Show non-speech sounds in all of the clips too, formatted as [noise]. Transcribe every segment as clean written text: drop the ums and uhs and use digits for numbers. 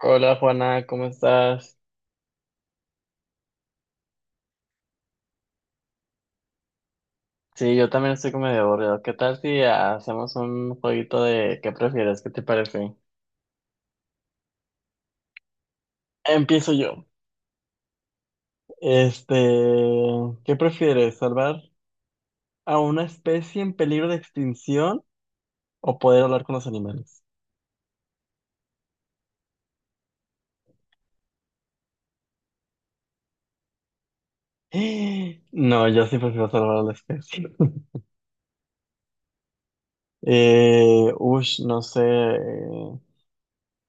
Hola Juana, ¿cómo estás? Sí, yo también estoy como medio aburrido. ¿Qué tal si hacemos un jueguito de qué prefieres? ¿Qué te parece? Empiezo yo. Este, ¿Qué prefieres? ¿Salvar a una especie en peligro de extinción o poder hablar con los animales? [gasps] No, yo sí prefiero salvar a la especie. [laughs] No sé.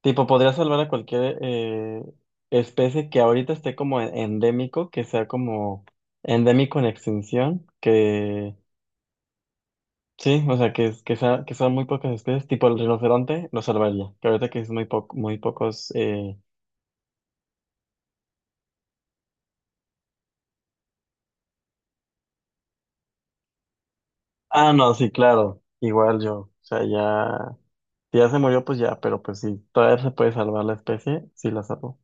Tipo, podría salvar a cualquier especie que ahorita esté como endémico, que sea como endémico en extinción, que sí, o sea, que, es- que, sea, que sean muy pocas especies, tipo el rinoceronte, lo salvaría, que ahorita que es muy, muy pocos... Ah, no, sí, claro, igual yo, o sea, ya, si ya se murió, pues ya, pero pues si todavía se puede salvar la especie, sí la salvo.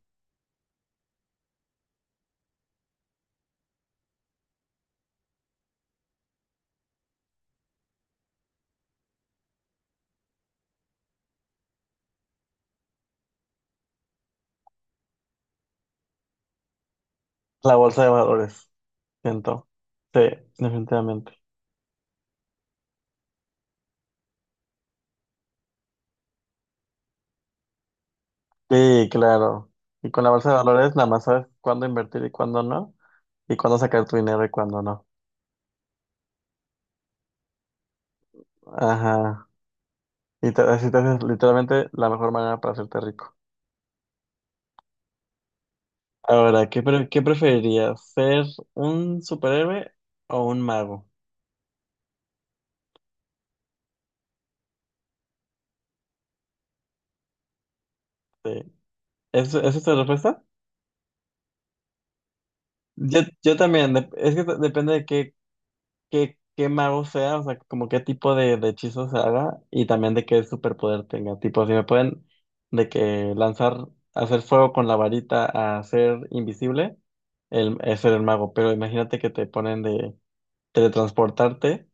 La bolsa de valores, siento, sí, definitivamente. Sí, claro. Y con la bolsa de valores nada más sabes cuándo invertir y cuándo no, y cuándo sacar tu dinero y cuándo no. Ajá. Y te, así te haces literalmente la mejor manera para hacerte rico. Ahora, ¿qué preferirías? ¿Ser un superhéroe o un mago? Sí. ¿Es esta tu respuesta? Yo también, es que depende de qué mago sea, o sea, como qué tipo de hechizos haga y también de qué superpoder tenga. Tipo, si me pueden de que lanzar, hacer fuego con la varita a ser invisible, el, es ser el mago. Pero imagínate que te ponen de teletransportarte,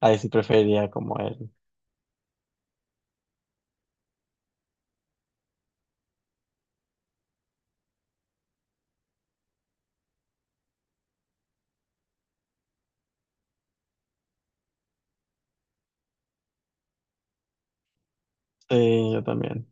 ahí sí preferiría como él. Sí, yo también.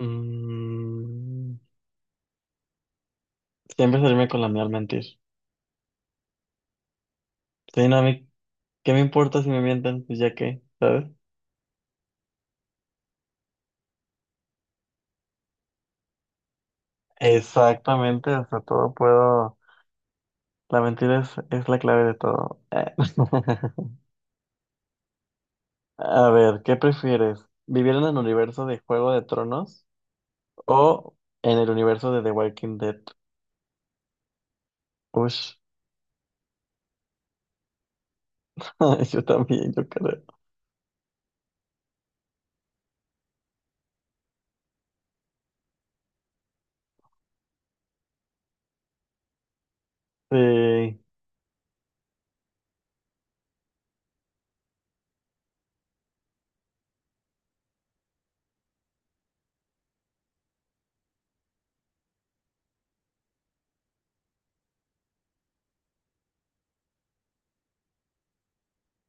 Mm, siempre salirme con la mía al mentir. Sí, no, a mí, ¿qué me importa si me mienten? Pues ya qué, ¿sabes? Exactamente, o sea, todo puedo. La mentira es la clave de todo. [laughs] A ver, ¿qué prefieres? ¿Vivir en el universo de Juego de Tronos o en el universo de The Walking Dead? Ush, [laughs] yo también, yo creo. Sí,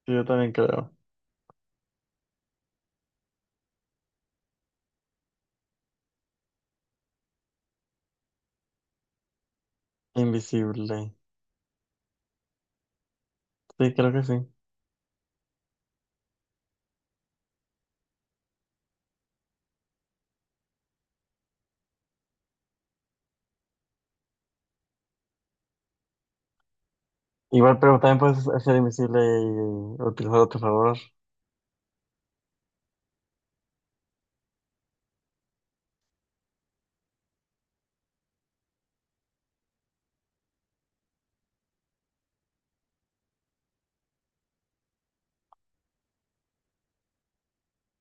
sí, yo también creo. Invisible. Sí, creo que sí. Igual, pero también puedes ser invisible y utilizarlo a tu favor.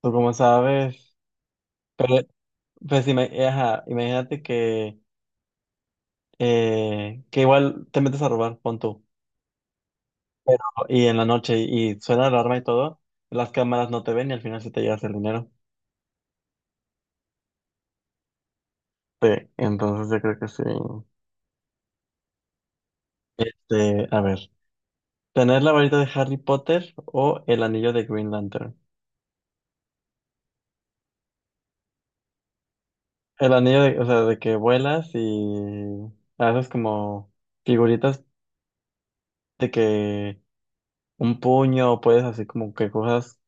Tú como sabes. Pero, pues, ajá, imagínate que igual te metes a robar, pon tú. Pero, y en la noche, y suena la alarma y todo, las cámaras no te ven y al final sí te llevas el dinero. Sí, entonces yo creo que sí. Este, a ver, ¿tener la varita de Harry Potter o el anillo de Green Lantern? El anillo de, o sea, de que vuelas y haces como figuritas de que un puño, puedes así como que cosas.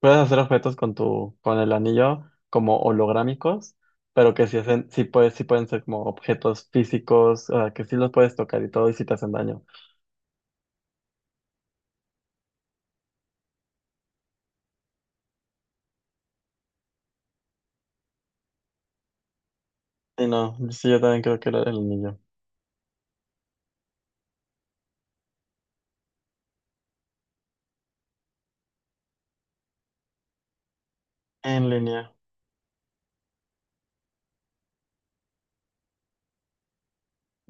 Puedes hacer objetos con el anillo como holográmicos, pero que sí hacen, sí puedes, sí pueden ser como objetos físicos, o sea, que sí los puedes tocar y todo, y sí te hacen daño. Sí, no, sí, yo también creo que era el anillo. En línea.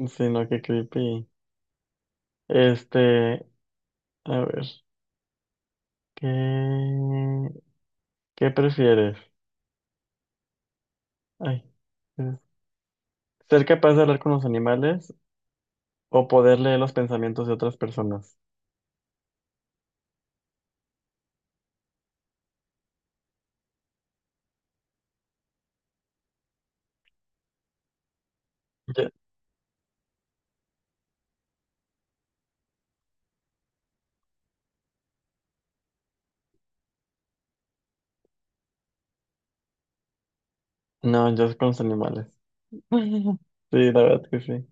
Sí, no, qué creepy. Este, a ver, ¿qué, ¿qué prefieres? Ay, es- ser capaz de hablar con los animales o poder leer los pensamientos de otras personas. Yo- no, yo con los animales. [laughs] Sí, la verdad que sí.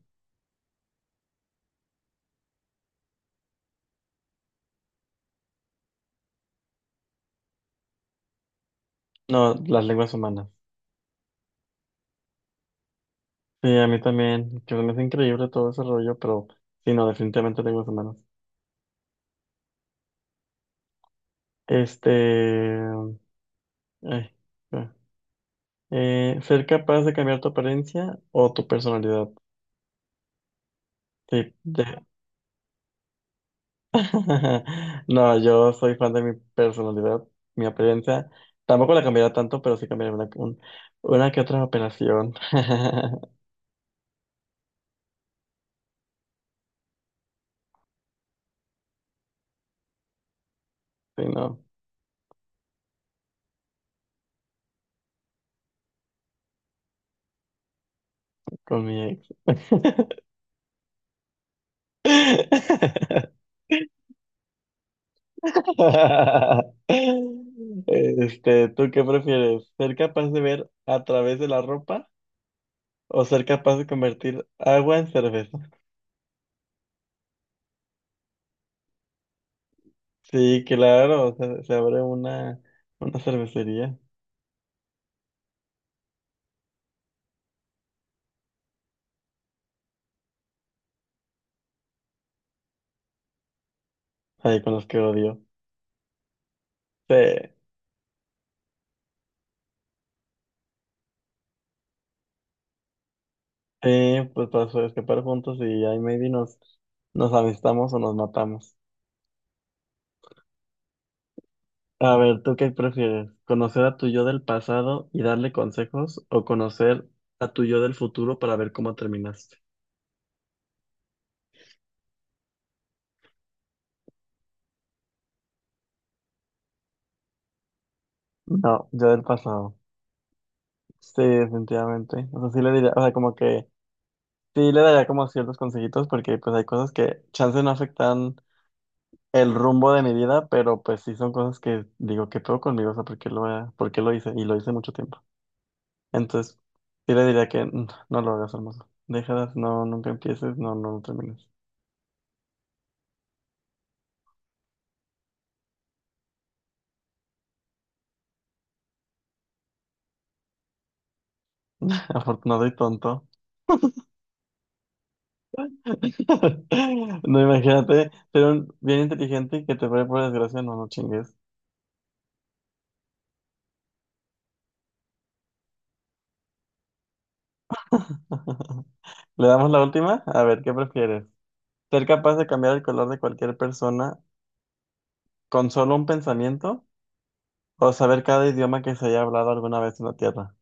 No, las lenguas humanas. Sí, a mí también, que se me hace increíble todo ese rollo, pero sí, no, definitivamente lenguas humanas. Este, ay, ah. Ser capaz de cambiar tu apariencia o tu personalidad. Sí, [laughs] No, yo soy fan de mi personalidad, mi apariencia. Tampoco la cambiaría tanto, pero sí cambiaría una que otra operación. [laughs] Sí, no, con mi ex. [laughs] [laughs] Este, ¿tú qué prefieres? ¿Ser capaz de ver a través de la ropa o ser capaz de convertir agua en cerveza? Sí, claro, se abre una cervecería ahí con los que odio. Sí, sí, pues escapar juntos y ahí maybe nos, nos amistamos o nos matamos. A ver, ¿tú qué prefieres? ¿Conocer a tu yo del pasado y darle consejos o conocer a tu yo del futuro para ver cómo terminaste? No, yo del pasado. Sí, definitivamente. O sea, sí le diría, o sea, como que sí le daría como ciertos consejitos porque pues hay cosas que chance no afectan el rumbo de mi vida, pero pues sí son cosas que digo, ¿qué pedo conmigo? O sea, ¿por qué lo hice? Y lo hice mucho tiempo. Entonces, sí le diría que "Mm, no lo hagas, hermoso. Déjalas, no, nunca empieces, no termines. [laughs] Afortunado y tonto. [laughs] No, imagínate ser un bien inteligente y que te pare por desgracia, no, no chingues. [laughs] ¿Le damos la última? A ver, ¿qué prefieres? Ser capaz de cambiar el color de cualquier persona con solo un pensamiento o saber cada idioma que se haya hablado alguna vez en la Tierra.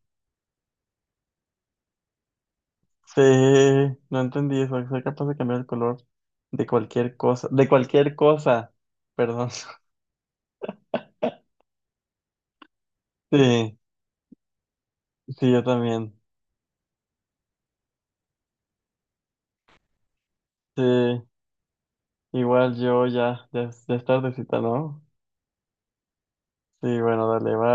Sí, no entendí eso. Ser capaz de cambiar el color de cualquier cosa. De cualquier cosa. Perdón. [laughs] Sí, sí, yo también. Sí, igual yo ya, ya, ya es tardecita, ¿no? Sí, bueno, dale, va.